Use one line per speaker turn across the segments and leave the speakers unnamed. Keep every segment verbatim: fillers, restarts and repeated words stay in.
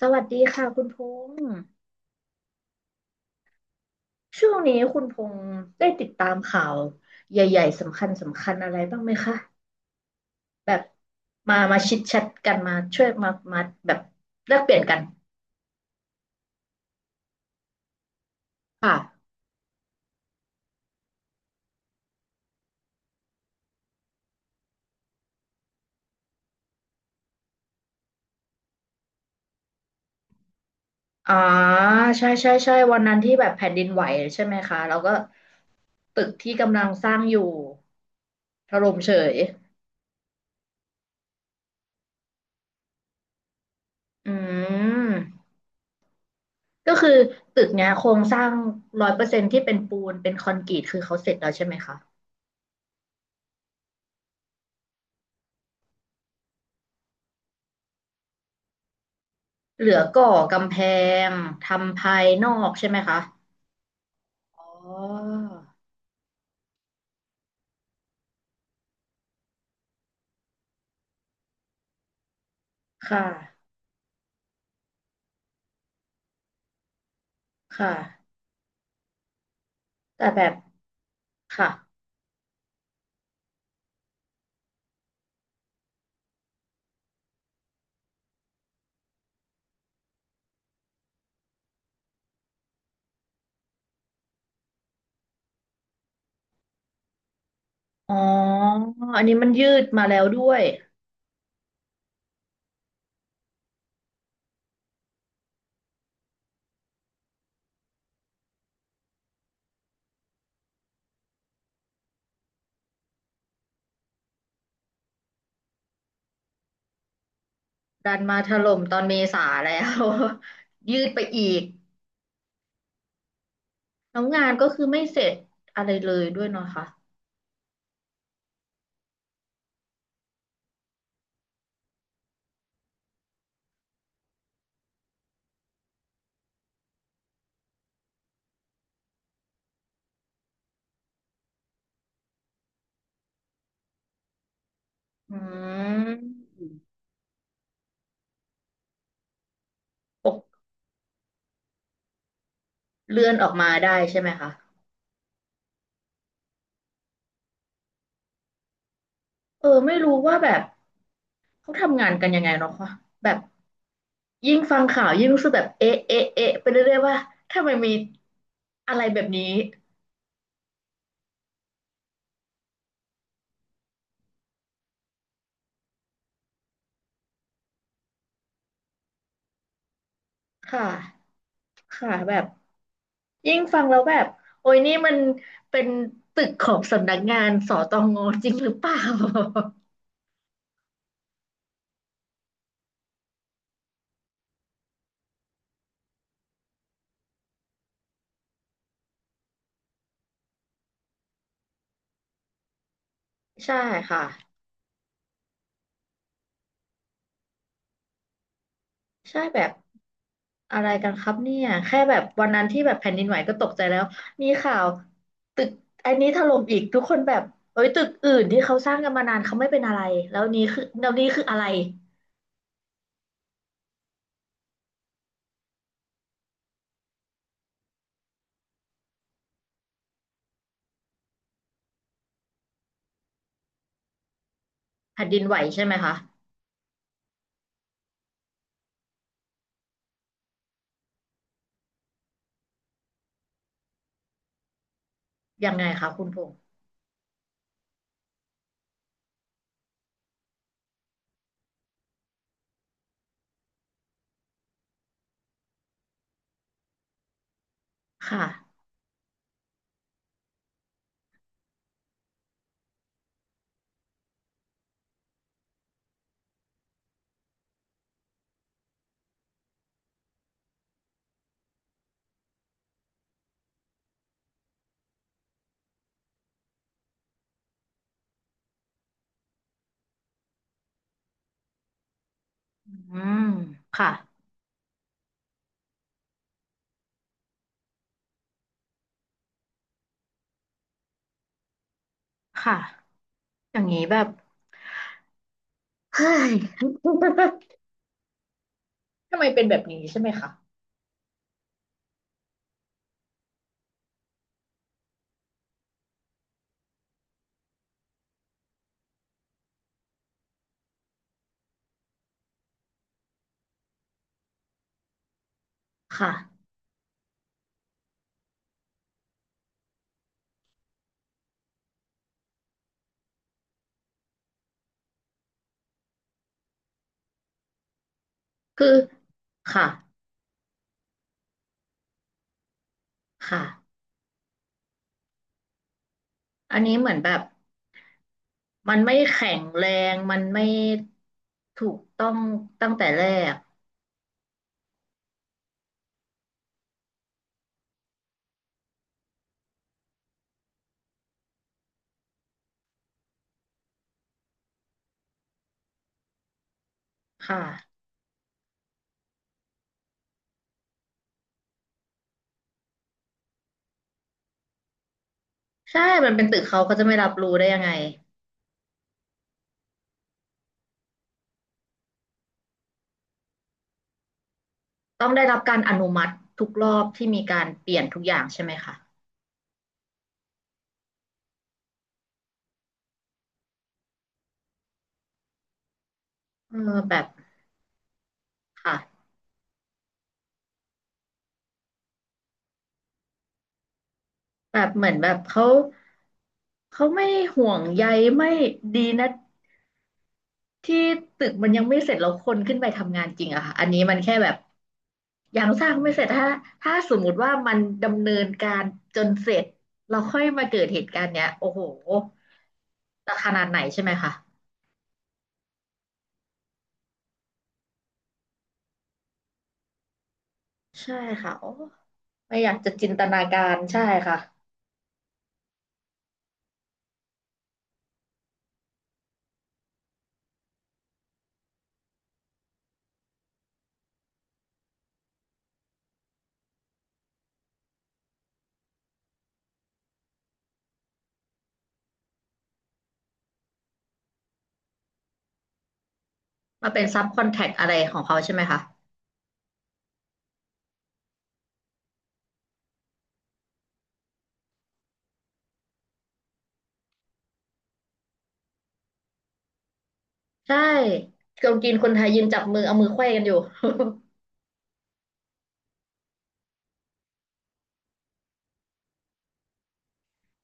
สวัสดีค่ะคุณพงษ์ช่วงนี้คุณพงษ์ได้ติดตามข่าวใหญ่ๆสำคัญสำคัญอะไรบ้างไหมคะแบบมามาชิดแชทกันมาช่วยมามาแบบแลกเปลี่ยนกันค่ะอ๋อใช่ใช่ใช่วันนั้นที่แบบแผ่นดินไหวใช่ไหมคะแล้วก็ตึกที่กำลังสร้างอยู่ถล่มเฉยอืมก็คือตึกเนี้ยโครงสร้างร้อยเปอร์เซ็นต์ที่เป็นปูนเป็นคอนกรีตคือเขาเสร็จแล้วใช่ไหมคะ เหลือก่อกำแพงทำภายนอกใช่ไหมคะ อ๋อ ค่ะ ค่ะ แต่แบบ ค่ะ อ๋อ อันนี้มันยืดมาแล้วด้วย ดันมาถล่มตอนเมษาแล้ว ยืดไปอีกแล้วงานก็คือไม่เสร็จอะไรเลยด้วยเนาะค่ะอืมปกเลื่อนออกมาได้ใช่ไหมคะ เออ ไม่รู้ว่าแบบ เขาทำงานกันยังไงเนาะคะแบบยิ่งฟังข่าวยิ่งรู้สึกแบบเอ๊ะเอ๊ะเอ๊ะไปเรื่อยๆว่าทำไมมีอะไรแบบนี้ ค่ะ ค่ะแบบยิ่งฟังแล้วแบบโอ้ยนี่มันเป็นตึกของสำนักงานส ต งจริงหรือเปล่า ใช่ค่ะ ใช่แบบ อะไรกันครับเนี่ยแค่แบบวันนั้นที่แบบแผ่นดินไหวก็ตกใจแล้วมีข่าวตึกอันนี้ถล่มอีกทุกคนแบบเอ้ยตึกอื่นที่เขาสร้างกันมานานเขาไม่เป็นอะไรแล้วนี้คือแล้วนี้คืออะไรแผ่นดินไหวใช่ไหมคะยังไงคะคุณพงษ์ค่ะอืมค่ะค่ะอย่างนี้แบบเฮ้ย ทำไมเป็นแบบนี้ใช่ไหมคะค่ะคือค่ะค่ะอันนี้เหมือนแบบ มันไม่แข็งแรงมันไม่ถูกต้องตั้งแต่แรกค่ะใช่ มันเป็นตึกเขาเขาจะไม่รับรู้ได้ยังไงต้องได้รับการอนุมัติทุกรอบที่มีการเปลี่ยนทุกอย่างใช่ไหมคะเออแบบค่ะแบบเหมือนแบบเขาเขาไม่ห่วงใยไม่ดีนะที่ตึกมันยังไม่เสร็จแล้วคนขึ้นไปทำงานจริงอะค่ะอันนี้มันแค่แบบ ยังสร้างไม่เสร็จถ้าถ้าสมมุติว่ามันดำเนินการจนเสร็จเราค่อยมาเกิดเหตุการณ์เนี้ยโอ้โหจะขนาดไหนใช่ไหมคะใช่ค่ะโอ้ไม่อยากจะจินตนาการใช่ค่ะมาเป็นซับคอนแทคอะไรของเขาใช่ไหมคะใช่คนจีนคนไทยยืนจับมือเอามือไขว้กันอยู่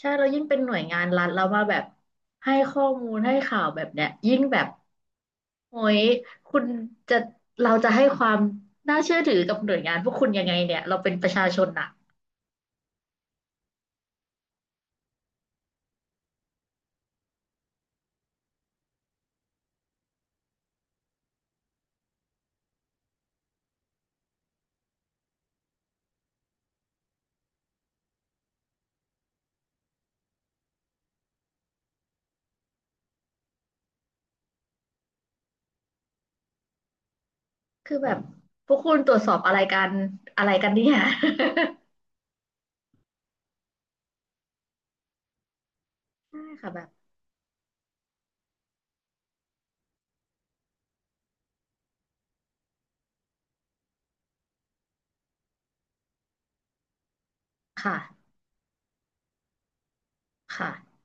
ใช่เรายิ่งเป็นหน่วยงานรัฐแล้วมาแบบให้ข้อมูลให้ข่าวแบบเนี้ยยิ่งแบบโอ้ยคุณจะเราจะให้ความน่าเชื่อถือกับหน่วยงานพวกคุณยังไงเนี่ยเราเป็นประชาชนอะคือแบบพวกคุณตรวจสอบอะไรกันอะไรกันเนี่ย ใช่ค่ะแบบค่ะค่ะ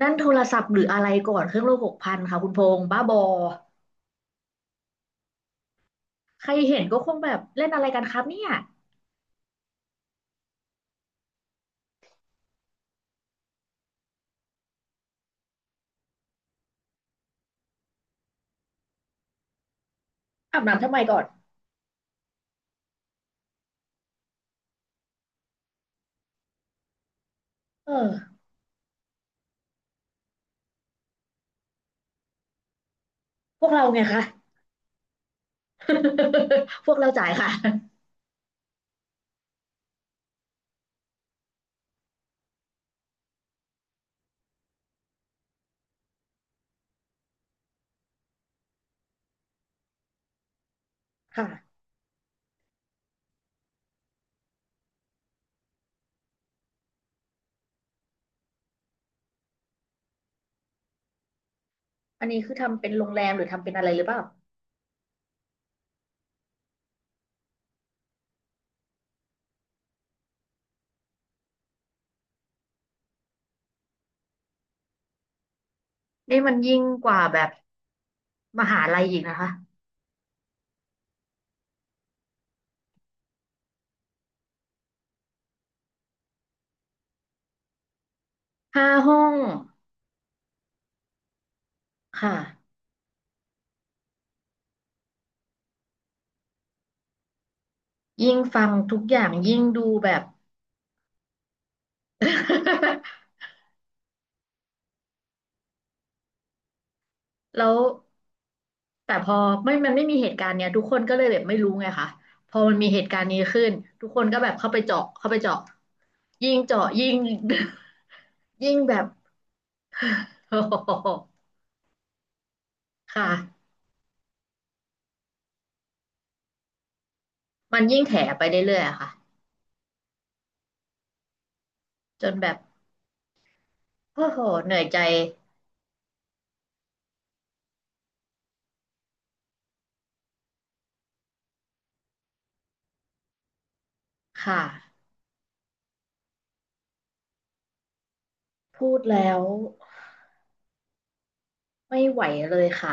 นั่นโทรศัพท์หรืออะไรก่อนเครื่องโลหกพันค่ะคุณพงษ์บ้าบอใครเห็นก็คงแบบเล่นอะไรกันครับเนี่ยอาบน้ำทำไมก่อนเออพวกเราไงคะ พวกเราจ่ายค่ะ ค่ะ อันนี้คือทำเป็นโรงแรมหรือทำเป็นอะไรหรือเปล่านี่มันยิ่งกว่าแบบมหาลัยอีกนะคะห้าห้อง ค่ะ ยิ่งฟังทุกอย่างยิ่งดูแบบ แล้วแต่พอไม่มันไม่มีเหตุการณ์เนี้ยทุกคนก็เลยแบบไม่รู้ไงคะพอมันมีเหตุการณ์นี้ขึ้นทุกคนก็แบบเข้าไปเจาะเข้าไปเจาะยิ่งเจาะยิ่ง ยิ่งแบบ โอ้โหค่ะมันยิ่งแถไปเรื่อยๆอะค่ะจนแบบโอ้โหเหนื่อยใจค่ะ พูดแล้วไม่ไหวเลยค่ะ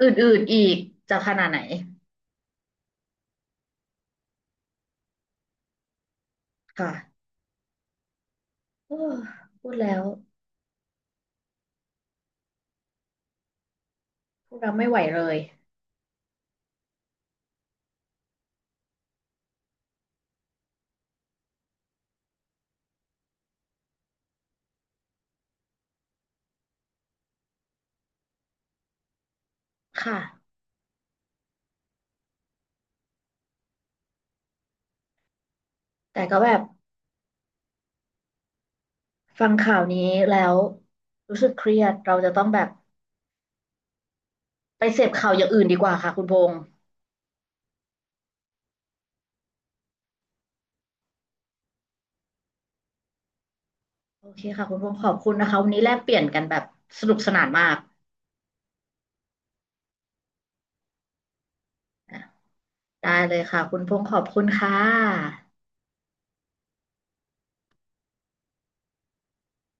อื่นๆอีกจะขนาดไหนค่ะเออพูดแล้วพูดแล้วไม่ไหวเลยค่ะแต่ก็แบบฟังข่าวนี้แล้วรู้สึกเครียดเราจะต้องแบบไปเสพข่าวอย่างอื่นดีกว่าค่ะคุณพงษ์โอเคค่ะคุณพงษ์ขอบคุณนะคะวันนี้แลกเปลี่ยนกันแบบสนุกสนานมากอ่ะได้เลยค่ะคุณพงษ์ขอบคุณค่ะ